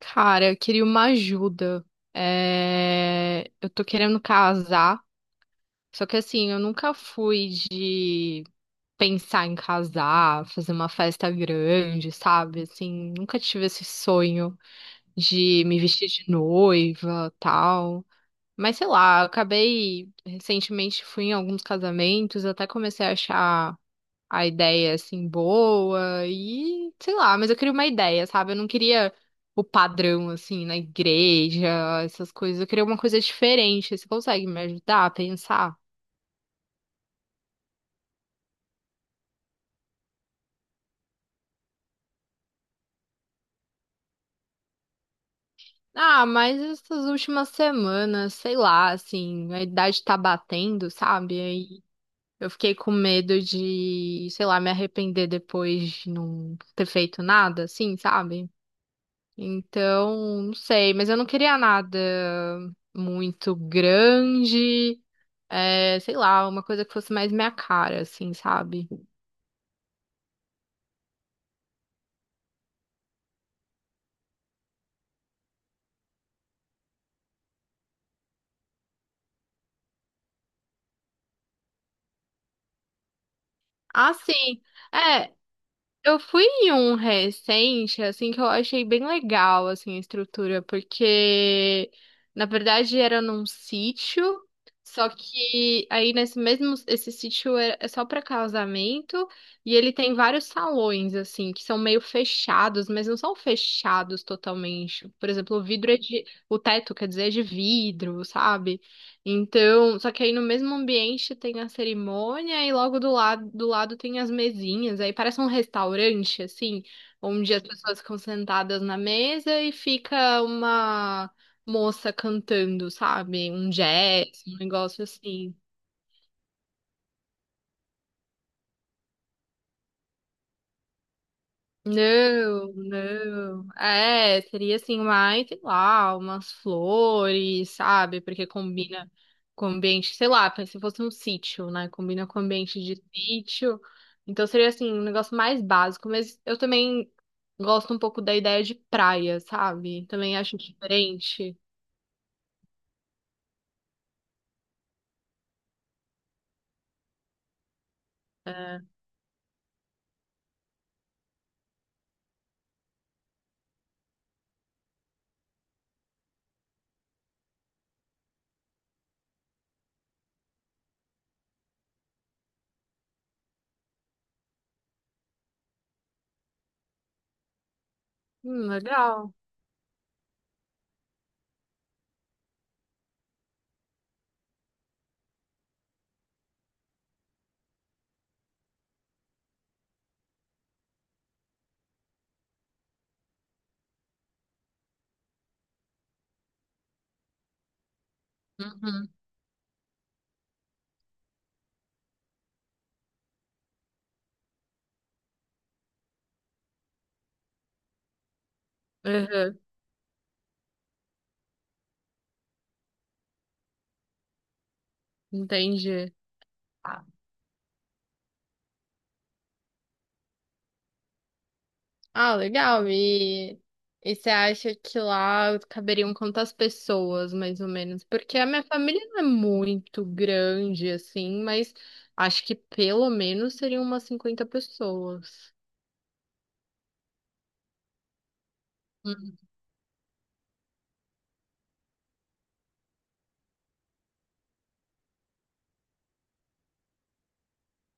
Cara, eu queria uma ajuda. É, eu tô querendo casar, só que assim, eu nunca fui de pensar em casar, fazer uma festa grande, sabe? Assim, nunca tive esse sonho de me vestir de noiva, tal. Mas sei lá, eu acabei recentemente fui em alguns casamentos, eu até comecei a achar a ideia assim boa e sei lá, mas eu queria uma ideia, sabe? Eu não queria o padrão assim na igreja, essas coisas. Eu queria uma coisa diferente. Você consegue me ajudar a pensar? Ah, mas essas últimas semanas, sei lá, assim, a idade tá batendo, sabe? Aí eu fiquei com medo de, sei lá, me arrepender depois de não ter feito nada, assim, sabe? Então, não sei, mas eu não queria nada muito grande. É, sei lá, uma coisa que fosse mais minha cara, assim, sabe? Ah, sim. É, eu fui em um recente, assim, que eu achei bem legal, assim, a estrutura, porque, na verdade, era num sítio, só que aí nesse mesmo, esse sítio é só pra casamento, e ele tem vários salões, assim, que são meio fechados, mas não são fechados totalmente. Por exemplo, o vidro é de, o teto, quer dizer, é de vidro, sabe? Então, só que aí no mesmo ambiente tem a cerimônia e logo do lado tem as mesinhas. Aí parece um restaurante, assim, onde as pessoas ficam sentadas na mesa e fica uma moça cantando, sabe? Um jazz, um negócio assim. Não, não. É, seria assim, mais, sei lá, umas flores, sabe? Porque combina com o ambiente, sei lá, se fosse um sítio, né? Combina com o ambiente de sítio. Então seria assim, um negócio mais básico, mas eu também gosto um pouco da ideia de praia, sabe? Também acho diferente. É. Legal. Uhum. Uhum. Entendi. Ah, legal. E você acha que lá caberiam quantas pessoas, mais ou menos? Porque a minha família não é muito grande, assim, mas acho que pelo menos seriam umas 50 pessoas. Hum,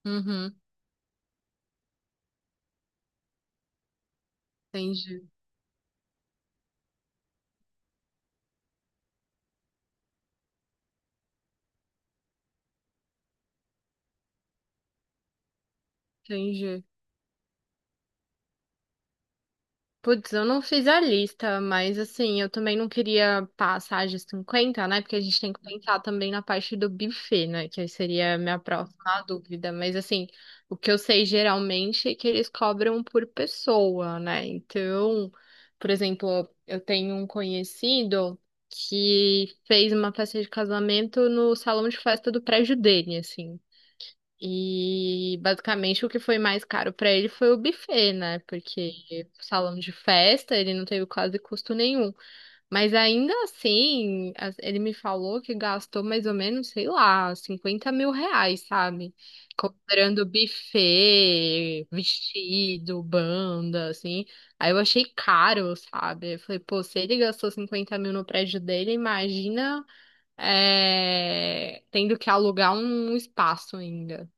Uhum, entendi, entendi. Putz, eu não fiz a lista, mas assim, eu também não queria passar de 50, né? Porque a gente tem que pensar também na parte do buffet, né? Que aí seria a minha próxima dúvida. Mas assim, o que eu sei geralmente é que eles cobram por pessoa, né? Então, por exemplo, eu tenho um conhecido que fez uma festa de casamento no salão de festa do prédio dele, assim. E basicamente o que foi mais caro para ele foi o buffet, né? Porque salão de festa ele não teve quase custo nenhum. Mas ainda assim, as- ele me falou que gastou mais ou menos, sei lá, R$ 50.000, sabe? Comprando buffet, vestido, banda, assim. Aí eu achei caro, sabe? Eu falei, pô, se ele gastou 50 mil no prédio dele, imagina, é, tendo que alugar um espaço ainda.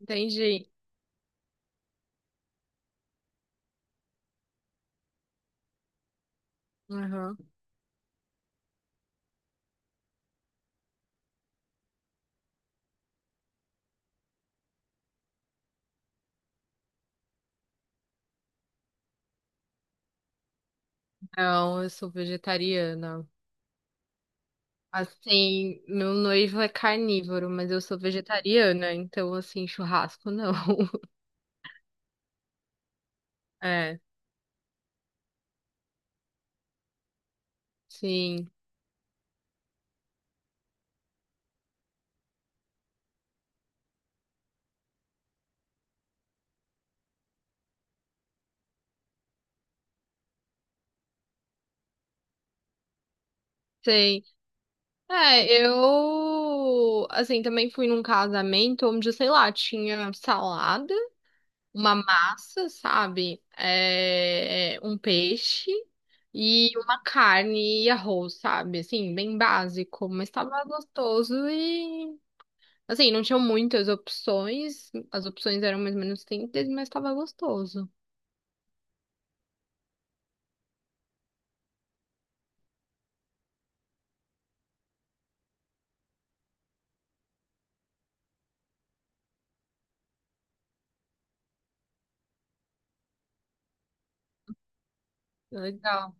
Entendi. Uhum. Não, eu sou vegetariana. Assim, meu noivo é carnívoro, mas eu sou vegetariana, então, assim, churrasco não. É, sim, sei. É, eu, assim, também fui num casamento onde, sei lá, tinha salada, uma massa, sabe? É, um peixe e uma carne e arroz, sabe? Assim, bem básico, mas tava gostoso. Assim, não tinha muitas opções, as opções eram mais ou menos simples, mas tava gostoso. Legal,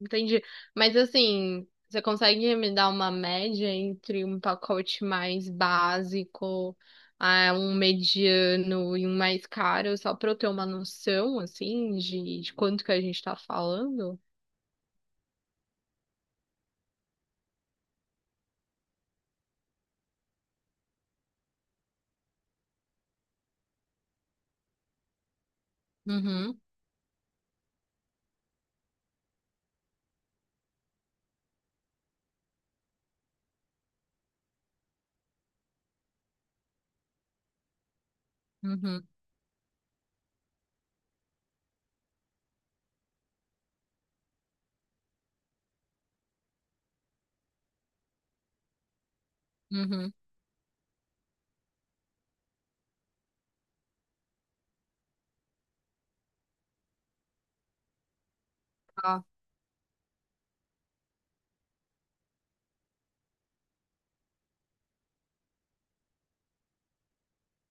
entendi. Mas assim, você consegue me dar uma média entre um pacote mais básico, ah, um mediano e um mais caro, só pra eu ter uma noção, assim, de quanto que a gente tá falando? Uhum, uhum, uhum. Tá,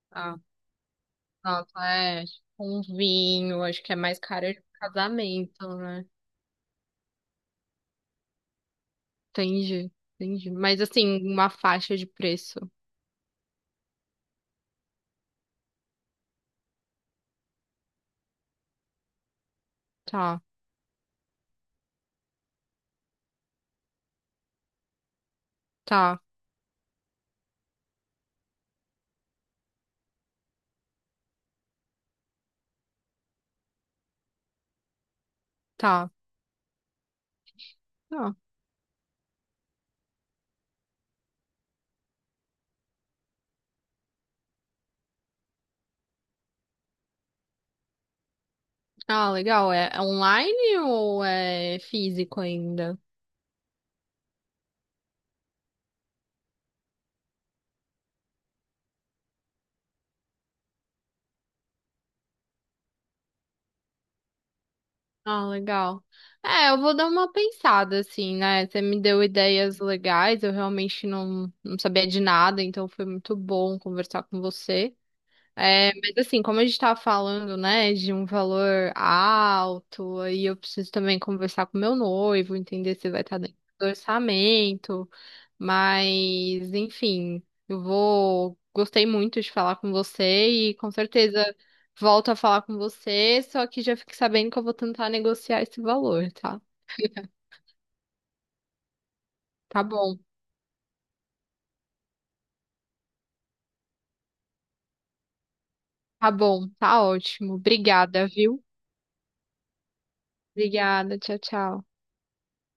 tá. Nossa, é, tipo um vinho, acho que é mais caro de casamento, né? Entendi, entendi. Mas assim, uma faixa de preço. Tá, tá, tá. Ah, ah, legal. É é online ou é físico ainda? Ah, legal. É, eu vou dar uma pensada, assim, né? Você me deu ideias legais, eu realmente não, não sabia de nada, então foi muito bom conversar com você. É, mas assim, como a gente tava falando, né, de um valor alto, aí eu preciso também conversar com meu noivo, entender se vai estar dentro do orçamento, mas enfim, eu vou, gostei muito de falar com você e com certeza volto a falar com você, só que já fique sabendo que eu vou tentar negociar esse valor, tá? Tá bom, tá bom, tá ótimo. Obrigada, viu? Obrigada, tchau, tchau.